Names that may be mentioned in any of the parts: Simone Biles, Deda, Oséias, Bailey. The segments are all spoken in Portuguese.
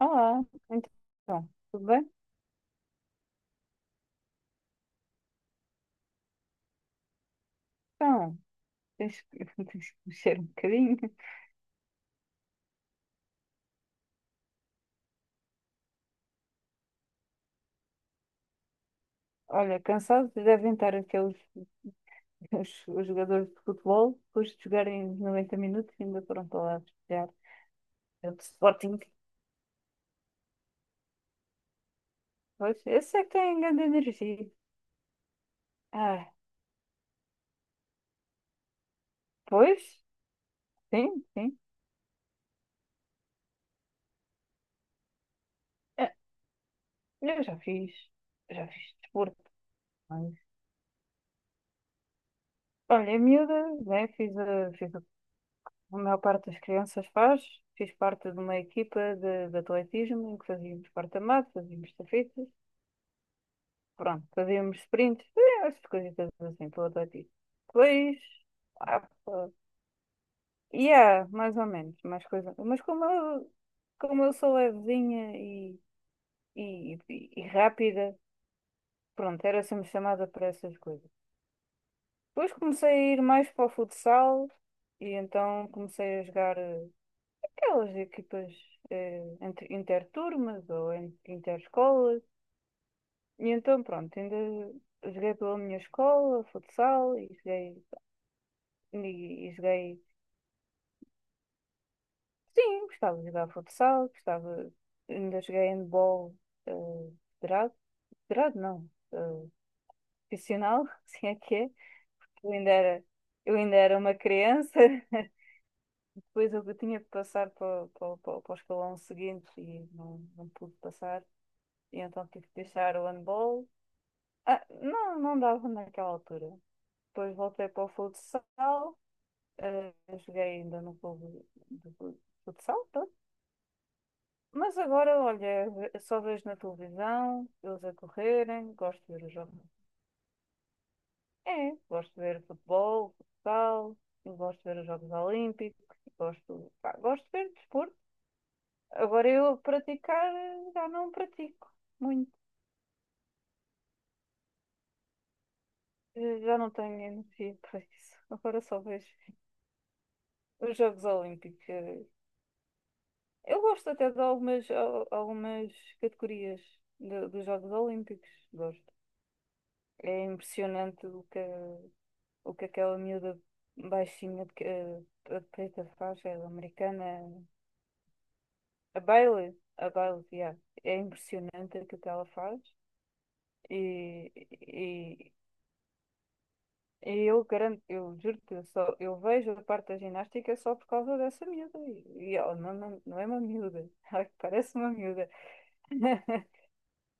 Olá, então, tudo bem? Então, tens que mexer um bocadinho. Olha, cansados devem estar os jogadores de futebol, depois de jogarem 90 minutos, ainda foram para lá festejar. É o Sporting. Pois, esse é que tem grande energia. Ah, pois, sim, sim. Ah, eu já fiz, desporto, mas... Olha, a miúda, né. fiz, a, fiz A maior parte das crianças faz. Fiz parte de uma equipa de atletismo em que fazíamos porta-mato, fazíamos estafetas, pronto, fazíamos sprints, essas coisitas assim pelo atletismo. Depois, ah, pá, yeah, mais ou menos, mais coisa. Mas como eu sou levezinha e rápida, pronto, era sempre chamada para essas coisas. Depois comecei a ir mais para o futsal e então comecei a jogar. Aquelas equipas, interturmas ou interescolas. E então, pronto, ainda joguei pela minha escola, futsal, e joguei, sim, gostava de jogar futsal, gostava, ainda joguei handball, eh, federado, federado não, eh, profissional, assim é que é. Eu ainda era, eu ainda era uma criança, depois eu tinha que passar para o escalão seguinte e não pude passar, e então tive que deixar o handball. Ah, não dava naquela altura. Depois voltei para o futsal, eh, joguei ainda no clube de futsal, pronto. Mas agora, olha, só vejo na televisão, eles a correrem, gosto de ver os jogos. É, gosto de ver futebol, futsal, gosto de ver os Jogos Olímpicos, gosto, pá, gosto de ver desporto. Agora eu praticar, já não pratico muito. Já não tenho energia para isso. Agora só vejo os Jogos Olímpicos. Eu gosto até de algumas, algumas categorias dos Jogos Olímpicos. Gosto. É impressionante o que aquela miúda baixinha de preta faz, ela americana, a Bailey, yeah. É impressionante o que ela faz. E, e, e eu garanto, eu juro que eu só eu vejo a parte da ginástica só por causa dessa miúda. E ela não é uma miúda, ela parece uma miúda.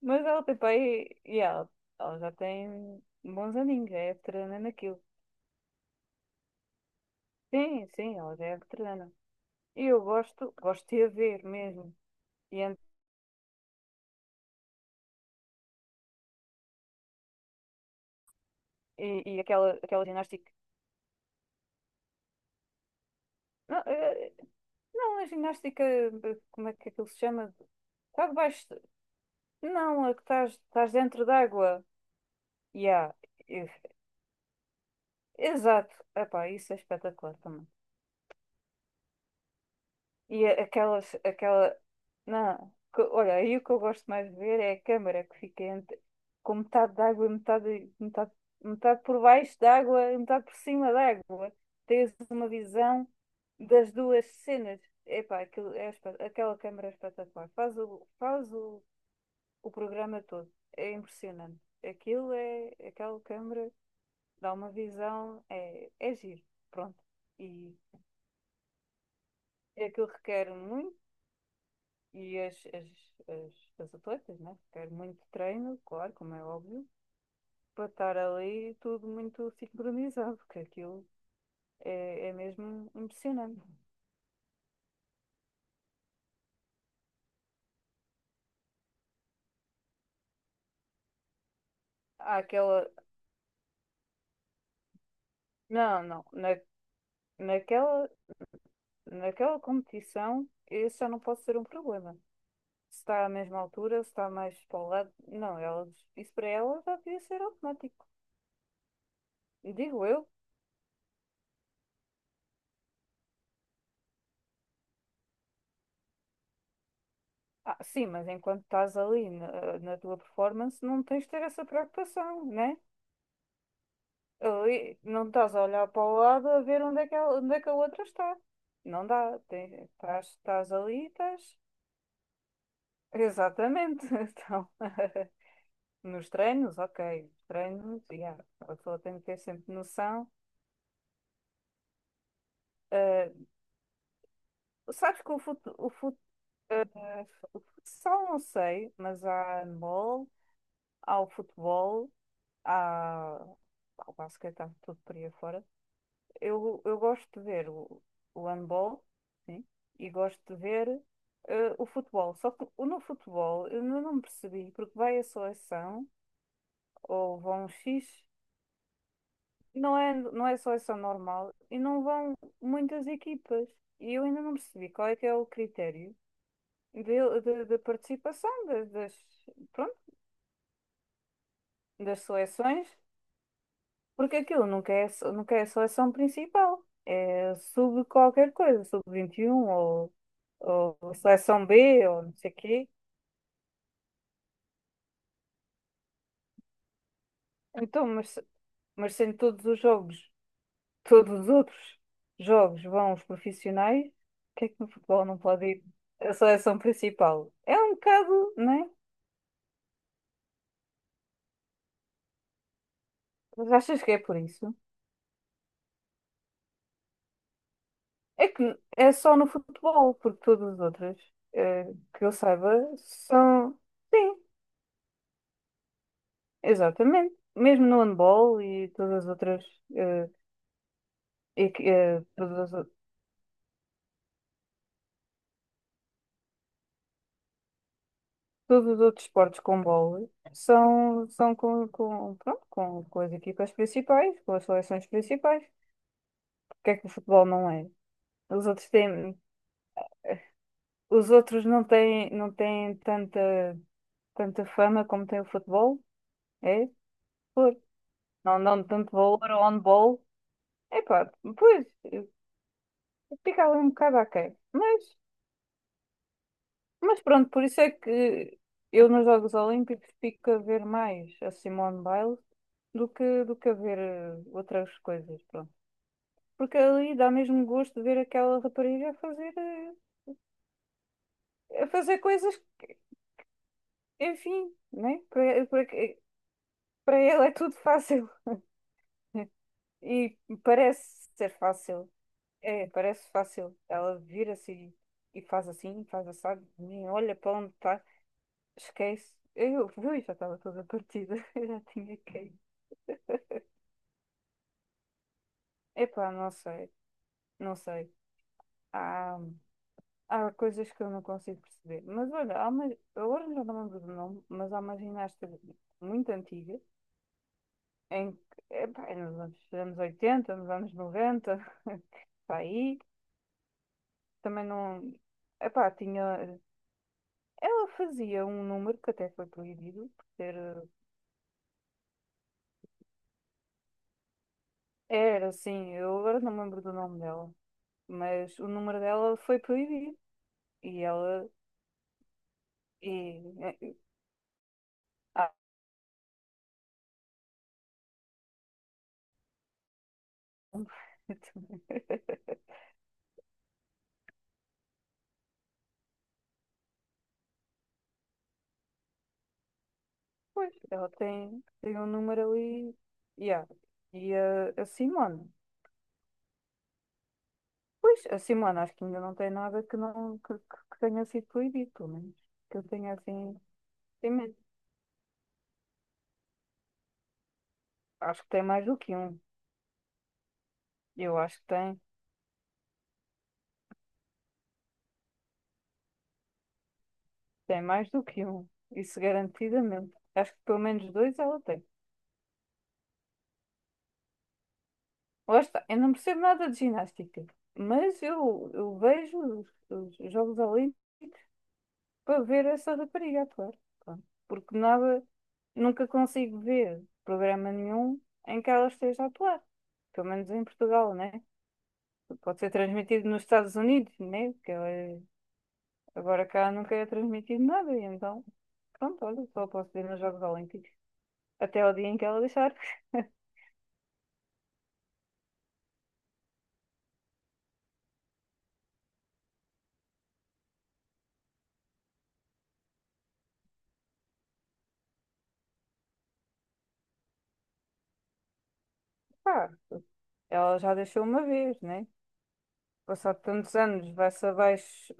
Mas ela, tipo, aí, ela já tem bons aninhos, já é veterana naquilo. Sim, sim, ela já é veterana. E eu gosto de a ver mesmo. E, ent- e aquela ginástica. Não, não, a ginástica, como é que aquilo se chama? Cá debaixo. Não, a que estás dentro d'água. Yeah. eh, Exato. Epá, isso é espetacular também. E aquela. Não, olha, aí o que eu gosto mais de ver é a câmara que fica entre, com metade de água e metade por baixo da água e metade por cima da água. Tens uma visão das duas cenas. Epá, aquilo aquela câmara é espetacular. Faz o programa todo. É impressionante. Aquela câmara dá uma visão, é giro. Pronto. E aquilo requer muito. E as, as atletas, né? Quero muito treino, claro, como é óbvio, para estar ali tudo muito sincronizado, porque aquilo é mesmo impressionante. Há aquela. Não, não. Naquela, naquela competição, isso já não pode ser um problema. Se está à mesma altura, se está mais para o lado. Não, elas, isso para elas já devia ser automático. Digo eu. Ah, sim, mas enquanto estás ali na tua performance, não tens de ter essa preocupação, né? Ali não estás a olhar para o lado a ver onde é que a outra está. Não dá. Estás ali, estás. Exatamente. Então, nos treinos, ok. Nos treinos, yeah. A pessoa tem que ter sempre noção. Sabes que o futebol, eh, o futsal não sei, mas há handball, há o futebol, há, há o basquete, há tudo por aí fora. Eu gosto de ver o handball, sim, e gosto de ver o futebol. Só que no futebol eu não percebi, porque vai a seleção, ou vão X, não é seleção normal, e não vão muitas equipas. E eu ainda não percebi qual é que é o critério de, de participação, pronto, das seleções. Porque aquilo nunca é só a seleção principal. É sub qualquer coisa, sub 21 ou seleção B ou não sei quê. Então, mas, mas sendo todos os outros jogos vão os profissionais, o que é que no futebol não pode ir a seleção principal? É um bocado, não é? Mas achas que é por isso? É que é só no futebol, porque todos os outros, eh, que eu saiba, são. Sim. Exatamente. Mesmo no handball e todas as outras, eh, e que, eh, todas as ou- todos, os outros esportes com bola são pronto, com as equipas principais, com as seleções principais. Porque é que o futebol não é? Os outros têm, os outros não têm, não têm tanta fama como tem o futebol, é? Por. Não dão tanto valor ao handball. Epá, pois, fica ali um bocado aquém. Mas pronto, por isso é que eu nos Jogos Olímpicos fico a ver mais a Simone Biles do que a ver outras coisas, pronto. Porque ali dá mesmo gosto de ver aquela rapariga a fazer, a fazer coisas, enfim, né? Para ela é tudo fácil. E parece ser fácil. É, parece fácil. Ela vira-se e faz assim, faz assado, nem olha para onde está, esquece. Eu vi, já estava toda partida, eu já tinha caído. Epá, não sei, não sei. Há, há coisas que eu não consigo perceber. Mas olha, há uma, agora já não me lembro do nome, mas há uma ginasta muito antiga, em que, epá, é nos anos 80, nos anos 90 para aí, também não. Epá, tinha. Ela fazia um número que até foi proibido, por ter. Era assim, eu agora não me lembro do nome dela, mas o número dela foi proibido. E ela. E, ah, Pois, ela tem um número ali. Yeah. E a Simone. Pois, a Simone acho que ainda não tem nada não, que tenha sido proibido, pelo menos. Que eu tenha assim. Tem, men- Acho que tem mais do que um. Eu acho que tem. Tem mais do que um. Isso garantidamente. Acho que pelo menos dois ela tem. Lá está. Eu não percebo nada de ginástica, mas eu vejo os Jogos Olímpicos para ver essa rapariga atuar. Pronto. Porque nada, nunca consigo ver programa nenhum em que ela esteja a atuar. Pelo menos em Portugal, né? Pode ser transmitido nos Estados Unidos, né? Porque ela agora cá nunca é transmitido nada. E então, pronto, olha, só posso ver nos Jogos Olímpicos. Até ao dia em que ela deixar. Pá, ela já deixou uma vez, né? Passado tantos anos, vai-se abaixo.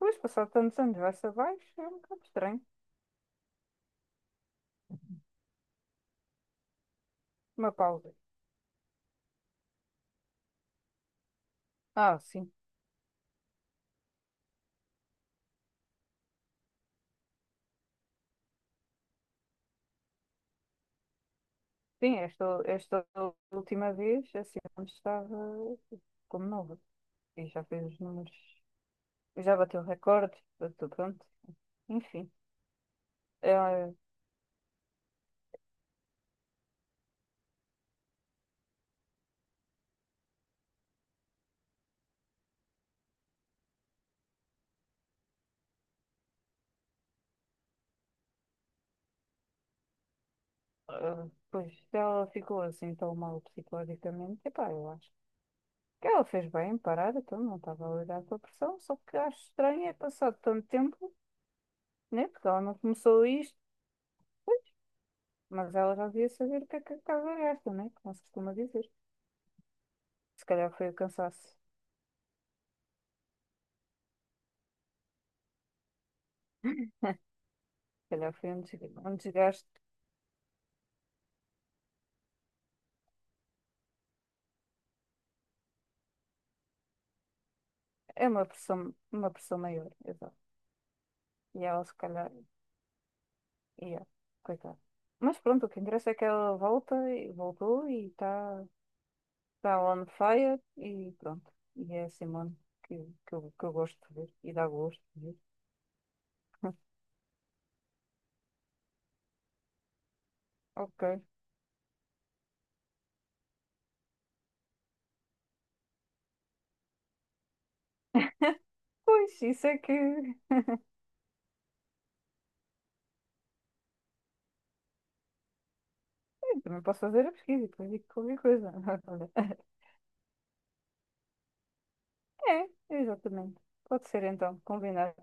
Pois, passado tantos anos, vai-se abaixo, é um bocado estranho. Uma pausa. Ah, sim. Sim, esta última vez, assim, onde estava como nova. E já fez os números, já bateu recordes, bateu pronto. Enfim, ela, pois, se ela ficou assim tão mal psicologicamente. Epá, eu acho que ela fez bem em parar, então não estava a lidar com a pressão. Só que acho estranho é passado tanto tempo, né? Porque ela não começou isto, pois, mas ela já devia saber o que é que a casa gasta, né? Como se costuma dizer. Se calhar foi o cansaço. Se calhar foi um desgaste. É uma pressão maior, exato. E ela se calhar ia, coitada. Mas pronto, o que interessa é que ela volta e voltou e está tá on fire e pronto. E é a Simone que, que eu gosto de ver e dá gosto de ver. Ok. Pois, isso é que eu também posso fazer a pesquisa e depois digo qualquer coisa. Olha. É, exatamente. Pode ser então, combinado.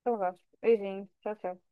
Então vá. Beijinho, tchau, tchau.